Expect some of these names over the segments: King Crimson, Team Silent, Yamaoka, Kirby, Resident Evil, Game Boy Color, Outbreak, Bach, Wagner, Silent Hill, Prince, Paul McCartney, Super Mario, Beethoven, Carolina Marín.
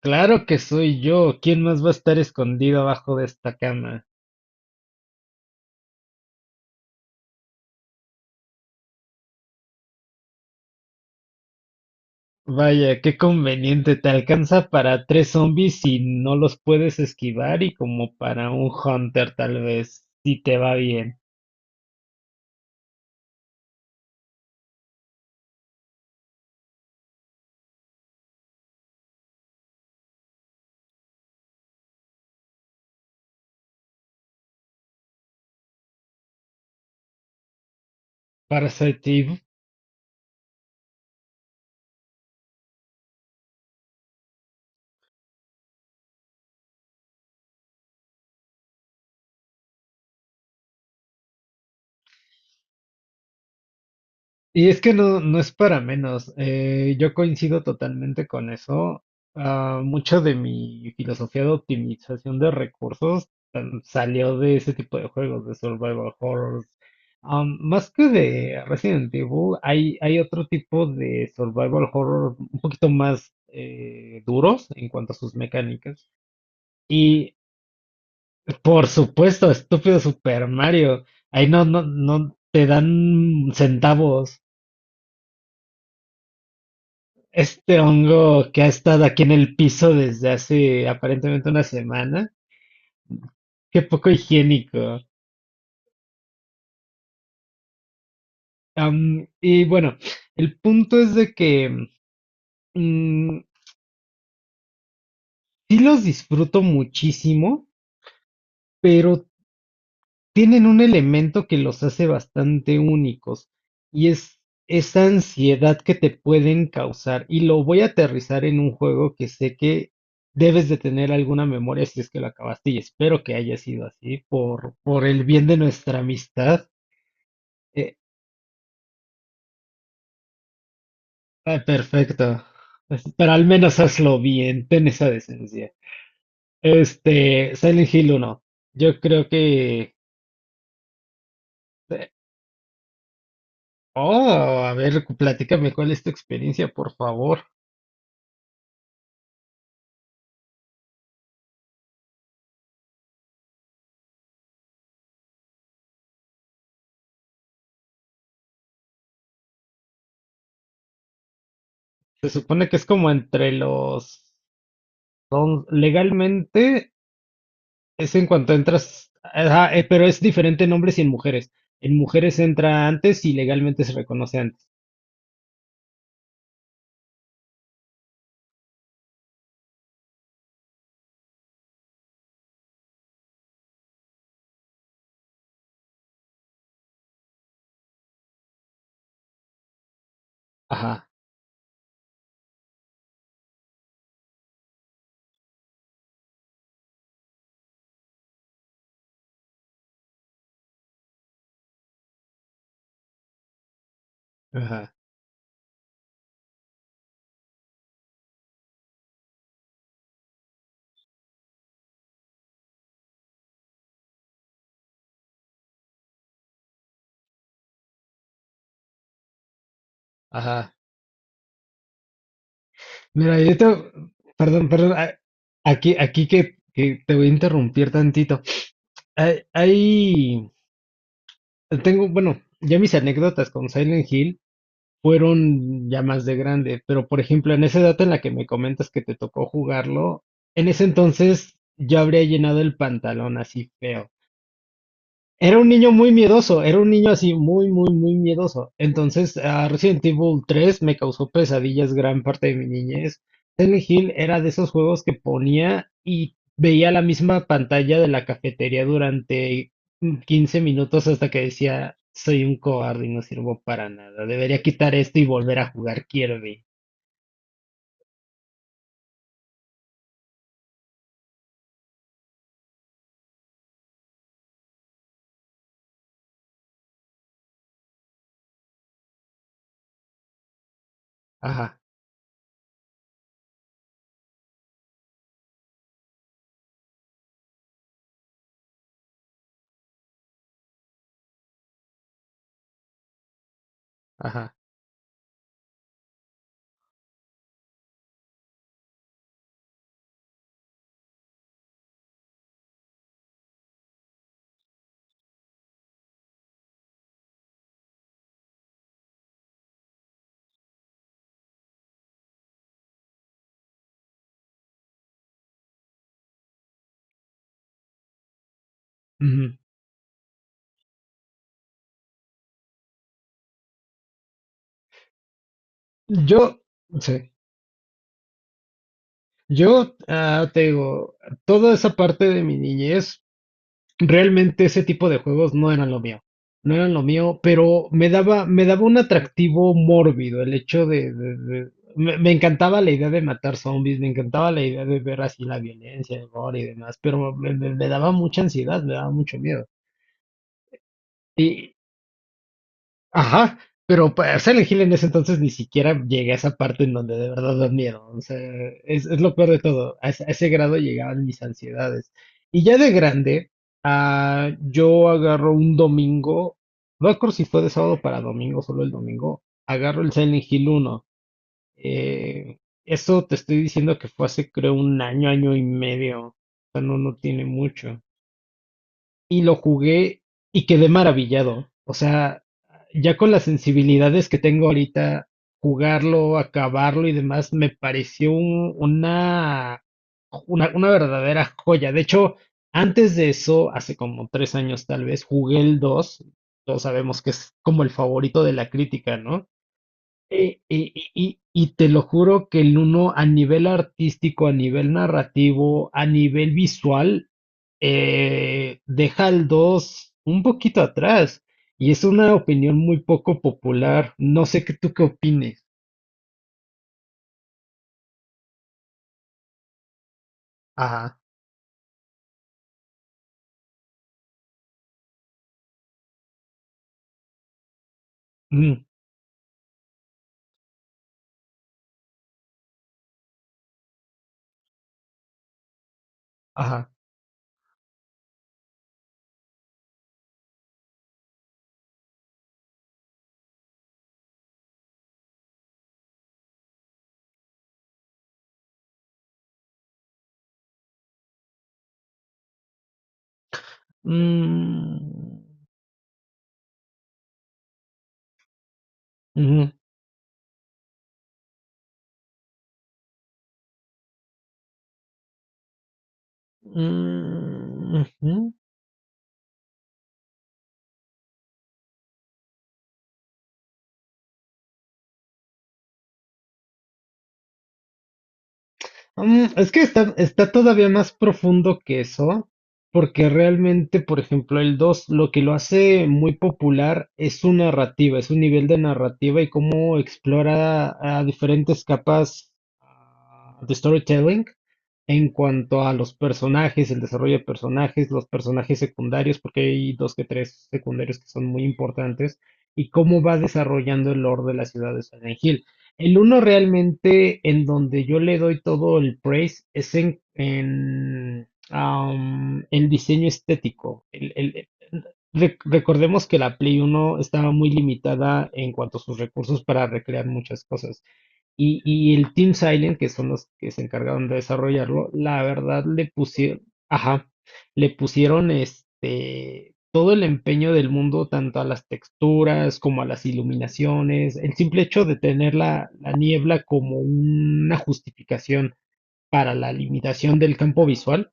Claro que soy yo. ¿Quién más va a estar escondido abajo de esta cama? Vaya, qué conveniente. Te alcanza para tres zombies si no los puedes esquivar y como para un hunter tal vez, si te va bien. Parasite. Y es que no es para menos. Yo coincido totalmente con eso. Ah, mucho de mi filosofía de optimización de recursos salió de ese tipo de juegos, de survival horrors. Más que de Resident Evil, hay otro tipo de survival horror un poquito más duros en cuanto a sus mecánicas. Y por supuesto, estúpido Super Mario. Ahí no te dan centavos. Este hongo que ha estado aquí en el piso desde hace aparentemente una semana. Qué poco higiénico. Y bueno, el punto es de que mm, sí los disfruto muchísimo, pero tienen un elemento que los hace bastante únicos, y es esa ansiedad que te pueden causar. Y lo voy a aterrizar en un juego que sé que debes de tener alguna memoria si es que lo acabaste, y espero que haya sido así por el bien de nuestra amistad. Eh, Perfecto. Pues, pero al menos hazlo bien, ten esa decencia. Este, Silent Hill 1. Yo creo que... eh, Oh, a ver, platícame cuál es tu experiencia, por favor. Se supone que es como entre los legalmente es en cuanto entras, ajá, pero es diferente en hombres y en mujeres. En mujeres entra antes y legalmente se reconoce antes. Ajá, ajá, ajá. Mira, yo te- Perdón, aquí, aquí que te voy a interrumpir tantito. Hay, hay- Tengo, bueno, ya mis anécdotas con Silent Hill. Fueron ya más de grande, pero por ejemplo, en esa edad en la que me comentas que te tocó jugarlo, en ese entonces yo habría llenado el pantalón así feo. Era un niño muy miedoso, era un niño así muy, muy, muy miedoso. Entonces, ah, Resident Evil 3 me causó pesadillas gran parte de mi niñez. Silent Hill era de esos juegos que ponía y veía la misma pantalla de la cafetería durante 15 minutos hasta que decía, soy un cobarde y no sirvo para nada. Debería quitar esto y volver a jugar Kirby. Ajá, ajá. Ujú. Yo, sí, yo ah, Te digo, toda esa parte de mi niñez, realmente ese tipo de juegos no eran lo mío, no eran lo mío, pero me daba un atractivo mórbido el hecho me, me encantaba la idea de matar zombies, me encantaba la idea de ver así la violencia, el gore y demás, pero me daba mucha ansiedad, me daba mucho miedo. Ajá, pero para Silent Hill en ese entonces ni siquiera llegué a esa parte en donde de verdad da miedo. O sea, es lo peor de todo. A ese grado llegaban mis ansiedades. Y ya de grande, ah, yo agarro un domingo, no recuerdo si fue de sábado para domingo, solo el domingo, agarro el Silent Hill uno. Eh, Eso te estoy diciendo que fue hace creo un año, año y medio. O sea, no, no tiene mucho, y lo jugué y quedé maravillado. O sea, ya con las sensibilidades que tengo ahorita, jugarlo, acabarlo y demás, me pareció una verdadera joya. De hecho, antes de eso, hace como tres años tal vez, jugué el dos. Todos sabemos que es como el favorito de la crítica, ¿no? Y te lo juro que el uno a nivel artístico, a nivel narrativo, a nivel visual, deja al 2 un poquito atrás. Y es una opinión muy poco popular. No sé qué tú qué opines. Ajá. mm, ajá. mm, Ujú, mm, ujú. Mm, es que está, está todavía más profundo que eso, porque realmente, por ejemplo, el 2, lo que lo hace muy popular es su narrativa, es su nivel de narrativa y cómo explora a diferentes capas de storytelling en cuanto a los personajes, el desarrollo de personajes, los personajes secundarios, porque hay dos que tres secundarios que son muy importantes, y cómo va desarrollando el lore de la ciudad de Silent Hill. El uno realmente en donde yo le doy todo el praise es en el diseño estético. Recordemos que la Play Uno estaba muy limitada en cuanto a sus recursos para recrear muchas cosas. Y el Team Silent, que son los que se encargaron de desarrollarlo, la verdad le pusieron, ajá, le pusieron este todo el empeño del mundo, tanto a las texturas como a las iluminaciones. El simple hecho de tener la niebla como una justificación para la limitación del campo visual.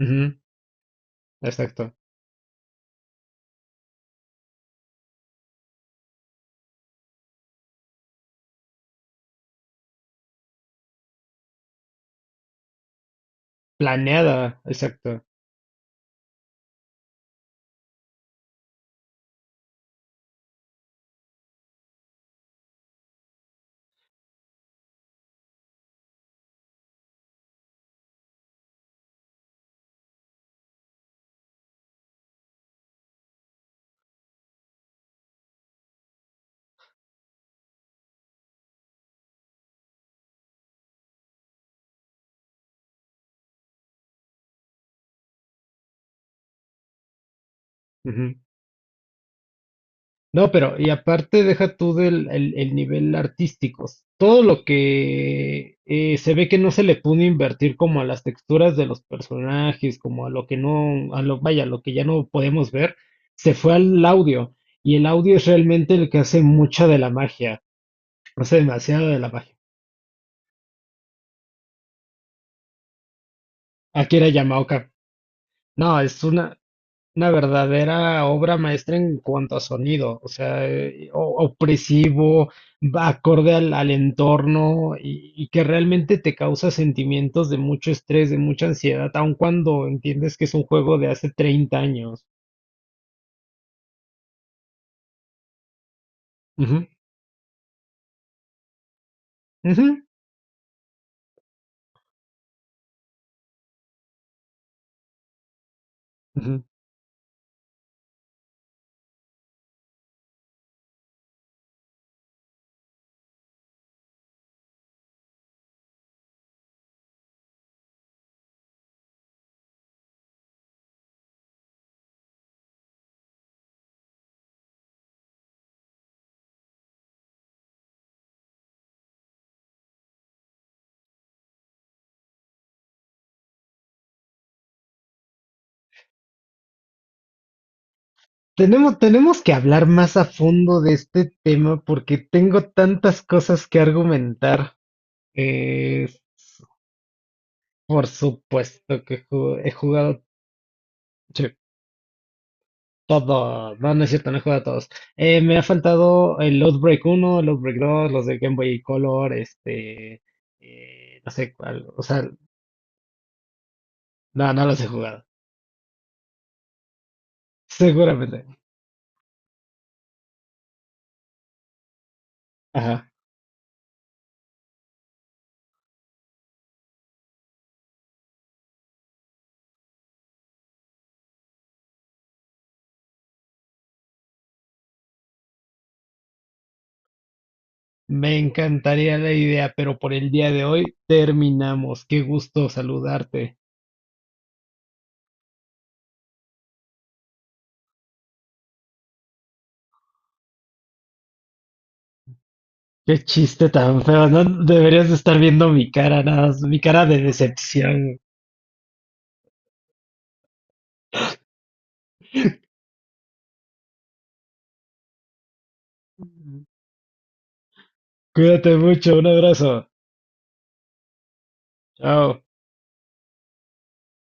Ujú, exacto. Planeada, exacto. Ujú. No, pero y aparte deja tú del el nivel artístico. Todo lo que se ve que no se le pudo invertir como a las texturas de los personajes, como a lo que no, a lo, vaya, lo que ya no podemos ver, se fue al audio. Y el audio es realmente el que hace mucha de la magia, hace demasiado de la magia. Aquí era Yamaoka. No, es una verdadera obra maestra en cuanto a sonido, o sea, opresivo, va acorde al entorno y que realmente te causa sentimientos de mucho estrés, de mucha ansiedad, aun cuando entiendes que es un juego de hace 30 años. Ujú, ujú, ujú. Tenemos que hablar más a fondo de este tema porque tengo tantas cosas que argumentar. Eh, por supuesto que he jugado. Todo, no, no es cierto, no he jugado a todos. Me ha faltado el Outbreak uno, el Outbreak dos, los de Game Boy Color, este, no sé cuál, o sea, no, no los he jugado, seguramente. Ajá. Me encantaría la idea, pero por el día de hoy terminamos. Qué gusto saludarte. Qué chiste tan feo, no deberías de estar viendo mi cara, nada más, mi cara de decepción. Cuídate mucho, un abrazo. Chao.